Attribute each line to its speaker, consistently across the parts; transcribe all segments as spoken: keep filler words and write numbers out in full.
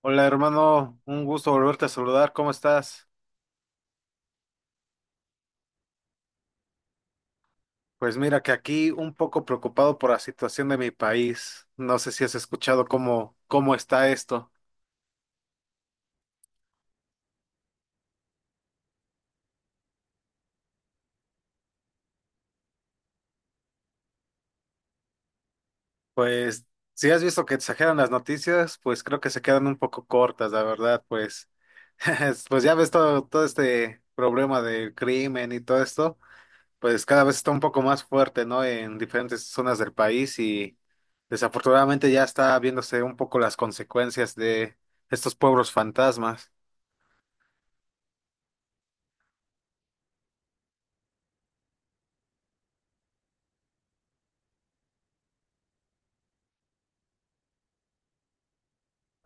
Speaker 1: Hola hermano, un gusto volverte a saludar, ¿cómo estás? Pues mira que aquí un poco preocupado por la situación de mi país. No sé si has escuchado cómo, cómo está esto. Pues si has visto que exageran las noticias, pues creo que se quedan un poco cortas, la verdad, pues, pues ya ves todo, todo este problema del crimen y todo esto. Pues cada vez está un poco más fuerte, ¿no? En diferentes zonas del país y desafortunadamente ya está viéndose un poco las consecuencias de estos pueblos fantasmas.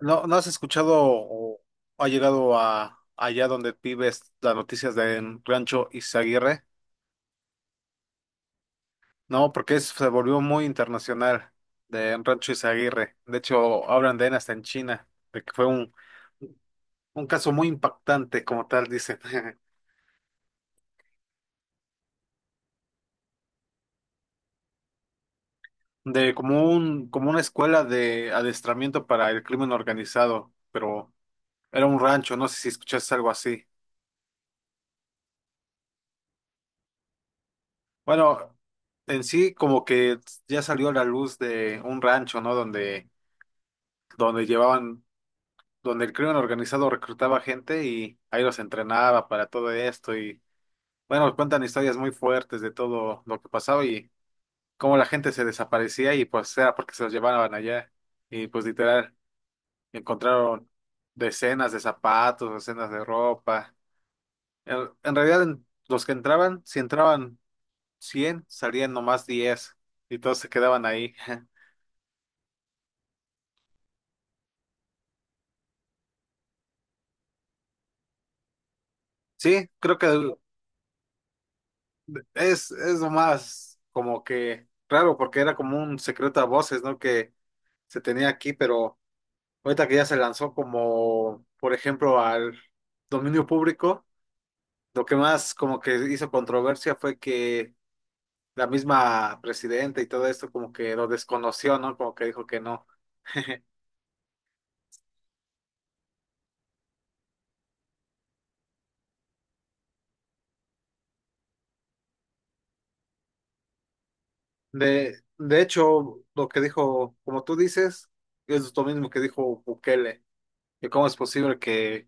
Speaker 1: ¿No, no has escuchado o ha llegado a allá donde vives las noticias de Rancho Izaguirre? No, porque es- se volvió muy internacional de Rancho Izaguirre. De hecho, hablan de él hasta en China, de que fue un, un caso muy impactante, como tal dicen. De como un, como una escuela de adiestramiento para el crimen organizado, pero era un rancho, no sé si escuchaste algo así. Bueno, en sí como que ya salió a la luz de un rancho, ¿no? Donde, donde llevaban, donde el crimen organizado reclutaba gente y ahí los entrenaba para todo esto y bueno, cuentan historias muy fuertes de todo lo que pasaba y cómo la gente se desaparecía y pues era porque se los llevaban allá y pues literal. Encontraron decenas de zapatos, decenas de ropa. En, en realidad, en- los que entraban, si entraban cien salían nomás diez y todos se quedaban ahí. Sí, creo que es, es lo más como que raro porque era como un secreto a voces, ¿no? Que se tenía aquí, pero ahorita que ya se lanzó como, por ejemplo, al dominio público, lo que más como que hizo controversia fue que la misma presidenta y todo esto como que lo desconoció, ¿no? Como que dijo que no. De, de hecho, lo que dijo, como tú dices, es lo mismo que dijo Bukele, y cómo es posible que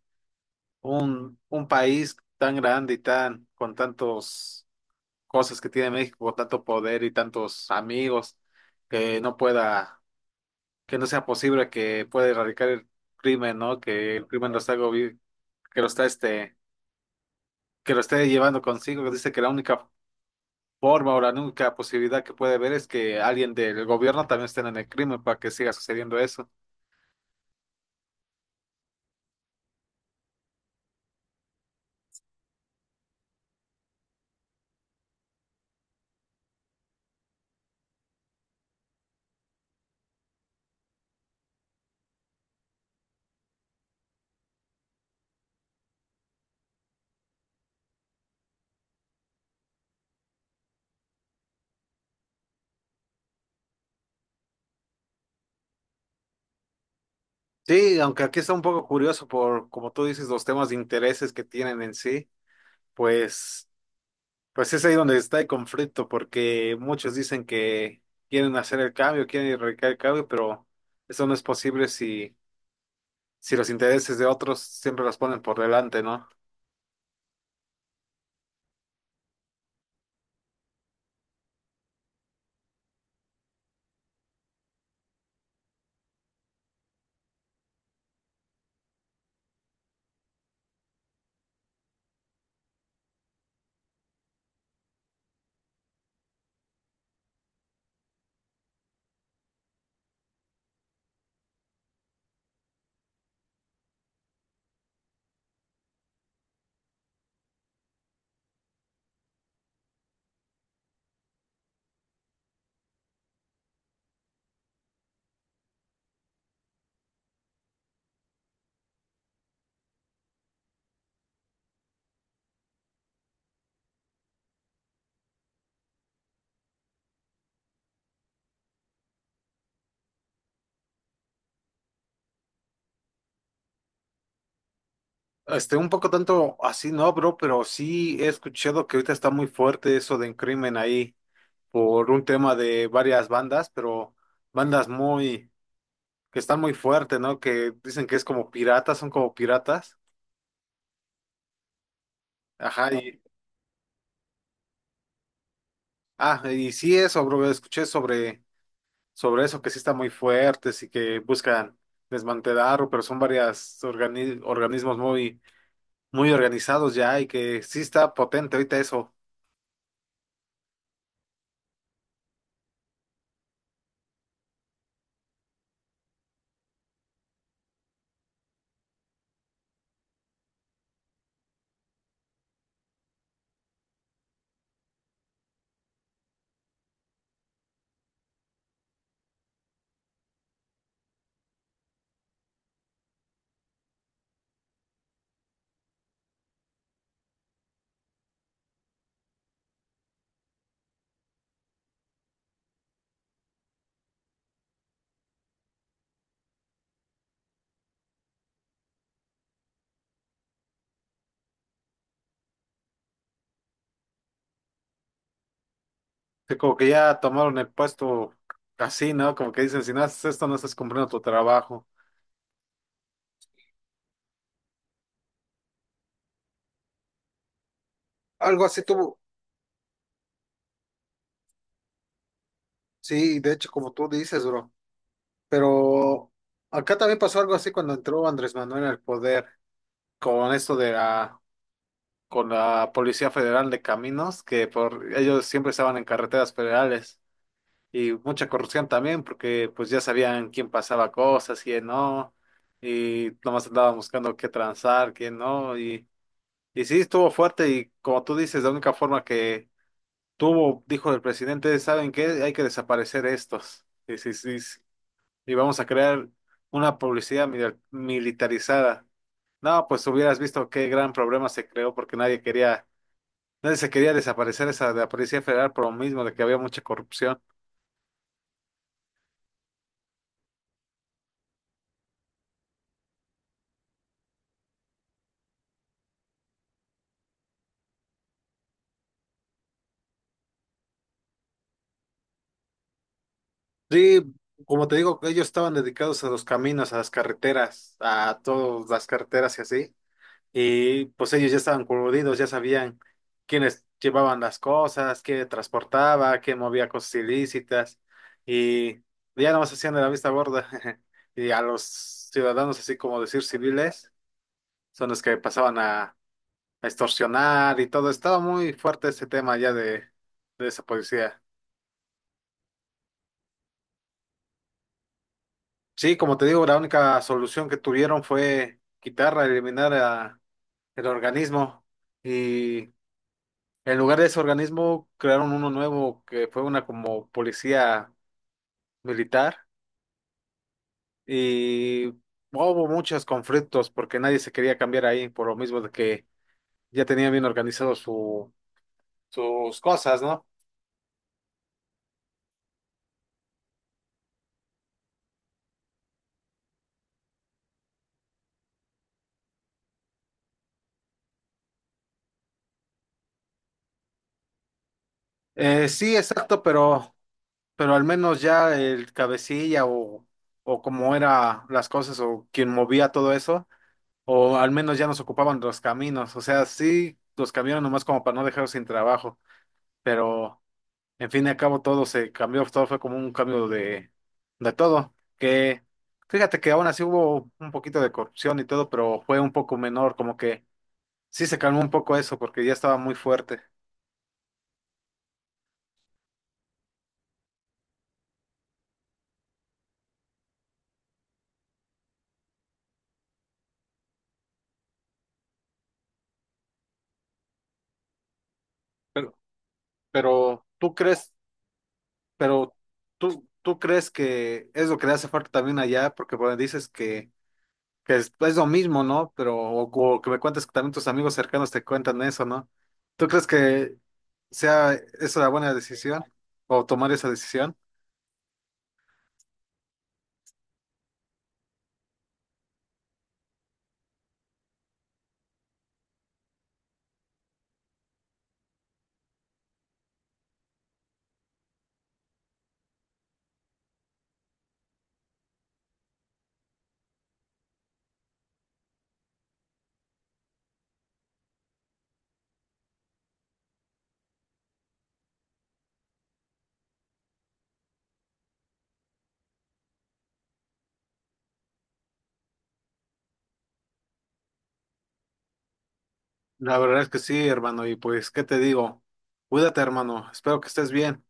Speaker 1: un, un país tan grande y tan, con tantos cosas que tiene México, con tanto poder y tantos amigos, que no pueda, que no sea posible que pueda erradicar el crimen, ¿no? Que el crimen lo está gobi- que lo está este, que lo esté llevando consigo, que dice que la única forma o la única posibilidad que puede haber es que alguien del gobierno también esté en el crimen para que siga sucediendo eso. Sí, aunque aquí está un poco curioso por, como tú dices, los temas de intereses que tienen en sí, pues, pues es ahí donde está el conflicto, porque muchos dicen que quieren hacer el cambio, quieren erradicar el cambio, pero eso no es posible si, si los intereses de otros siempre los ponen por delante, ¿no? Este, un poco tanto así, no, bro, pero sí he escuchado que ahorita está muy fuerte eso del crimen ahí, por un tema de varias bandas, pero bandas muy, que están muy fuertes, ¿no? Que dicen que es como piratas, son como piratas. Ajá, y, ah, y sí eso, bro, escuché sobre, sobre eso, que sí están muy fuertes y que buscan desmantelar, pero son varias organi- organismos muy, muy organizados ya y que sí está potente ahorita eso, que como que ya tomaron el puesto así, ¿no? Como que dicen, si no haces esto, no estás cumpliendo tu trabajo. Algo así tuvo, sí, de hecho, como tú dices, bro. Pero acá también pasó algo así cuando entró Andrés Manuel al poder con esto de la, con la Policía Federal de Caminos, que por ellos siempre estaban en carreteras federales y mucha corrupción también, porque pues ya sabían quién pasaba cosas, quién no, y nomás andaban buscando qué transar, quién no, y, y sí estuvo fuerte y como tú dices, la única forma que tuvo, dijo el presidente, ¿saben qué? Hay que desaparecer estos. Y sí, sí, y vamos a crear una publicidad mil- militarizada. No, pues hubieras visto qué gran problema se creó porque nadie quería, nadie se quería desaparecer esa de la Policía Federal por lo mismo de que había mucha corrupción. Sí, como te digo, ellos estaban dedicados a los caminos, a las carreteras, a todas las carreteras y así, y pues ellos ya estaban coludidos, ya sabían quiénes llevaban las cosas, qué transportaba, qué movía cosas ilícitas y ya no más hacían de la vista gorda y a los ciudadanos, así como decir civiles, son los que pasaban a, a extorsionar y todo. Estaba muy fuerte ese tema ya de, de esa policía. Sí, como te digo, la única solución que tuvieron fue quitarla, eliminar a- el organismo. Y en lugar de ese organismo, crearon uno nuevo que fue una como policía militar y hubo muchos conflictos porque nadie se quería cambiar ahí por lo mismo de que ya tenía bien organizado su, sus cosas, ¿no? Eh, sí, exacto, pero, pero al menos ya el cabecilla o, o como era las cosas o quien movía todo eso, o al menos ya nos ocupaban los caminos, o sea, sí, los cambiaron nomás como para no dejarlos sin trabajo, pero... En fin y al cabo todo se cambió, todo fue como un cambio de, de todo. Que fíjate que aún así hubo un poquito de corrupción y todo, pero fue un poco menor, como que sí se calmó un poco eso, porque ya estaba muy fuerte. Pero, pero tú crees, pero tú, tú crees que es lo que le hace falta también allá, porque bueno, dices que, que es, es lo mismo, ¿no? Pero, o, o que me cuentes que también tus amigos cercanos te cuentan eso, ¿no? ¿Tú crees que sea esa la buena decisión? ¿O tomar esa decisión? La verdad es que sí, hermano, y pues, ¿qué te digo? Cuídate, hermano, espero que estés bien.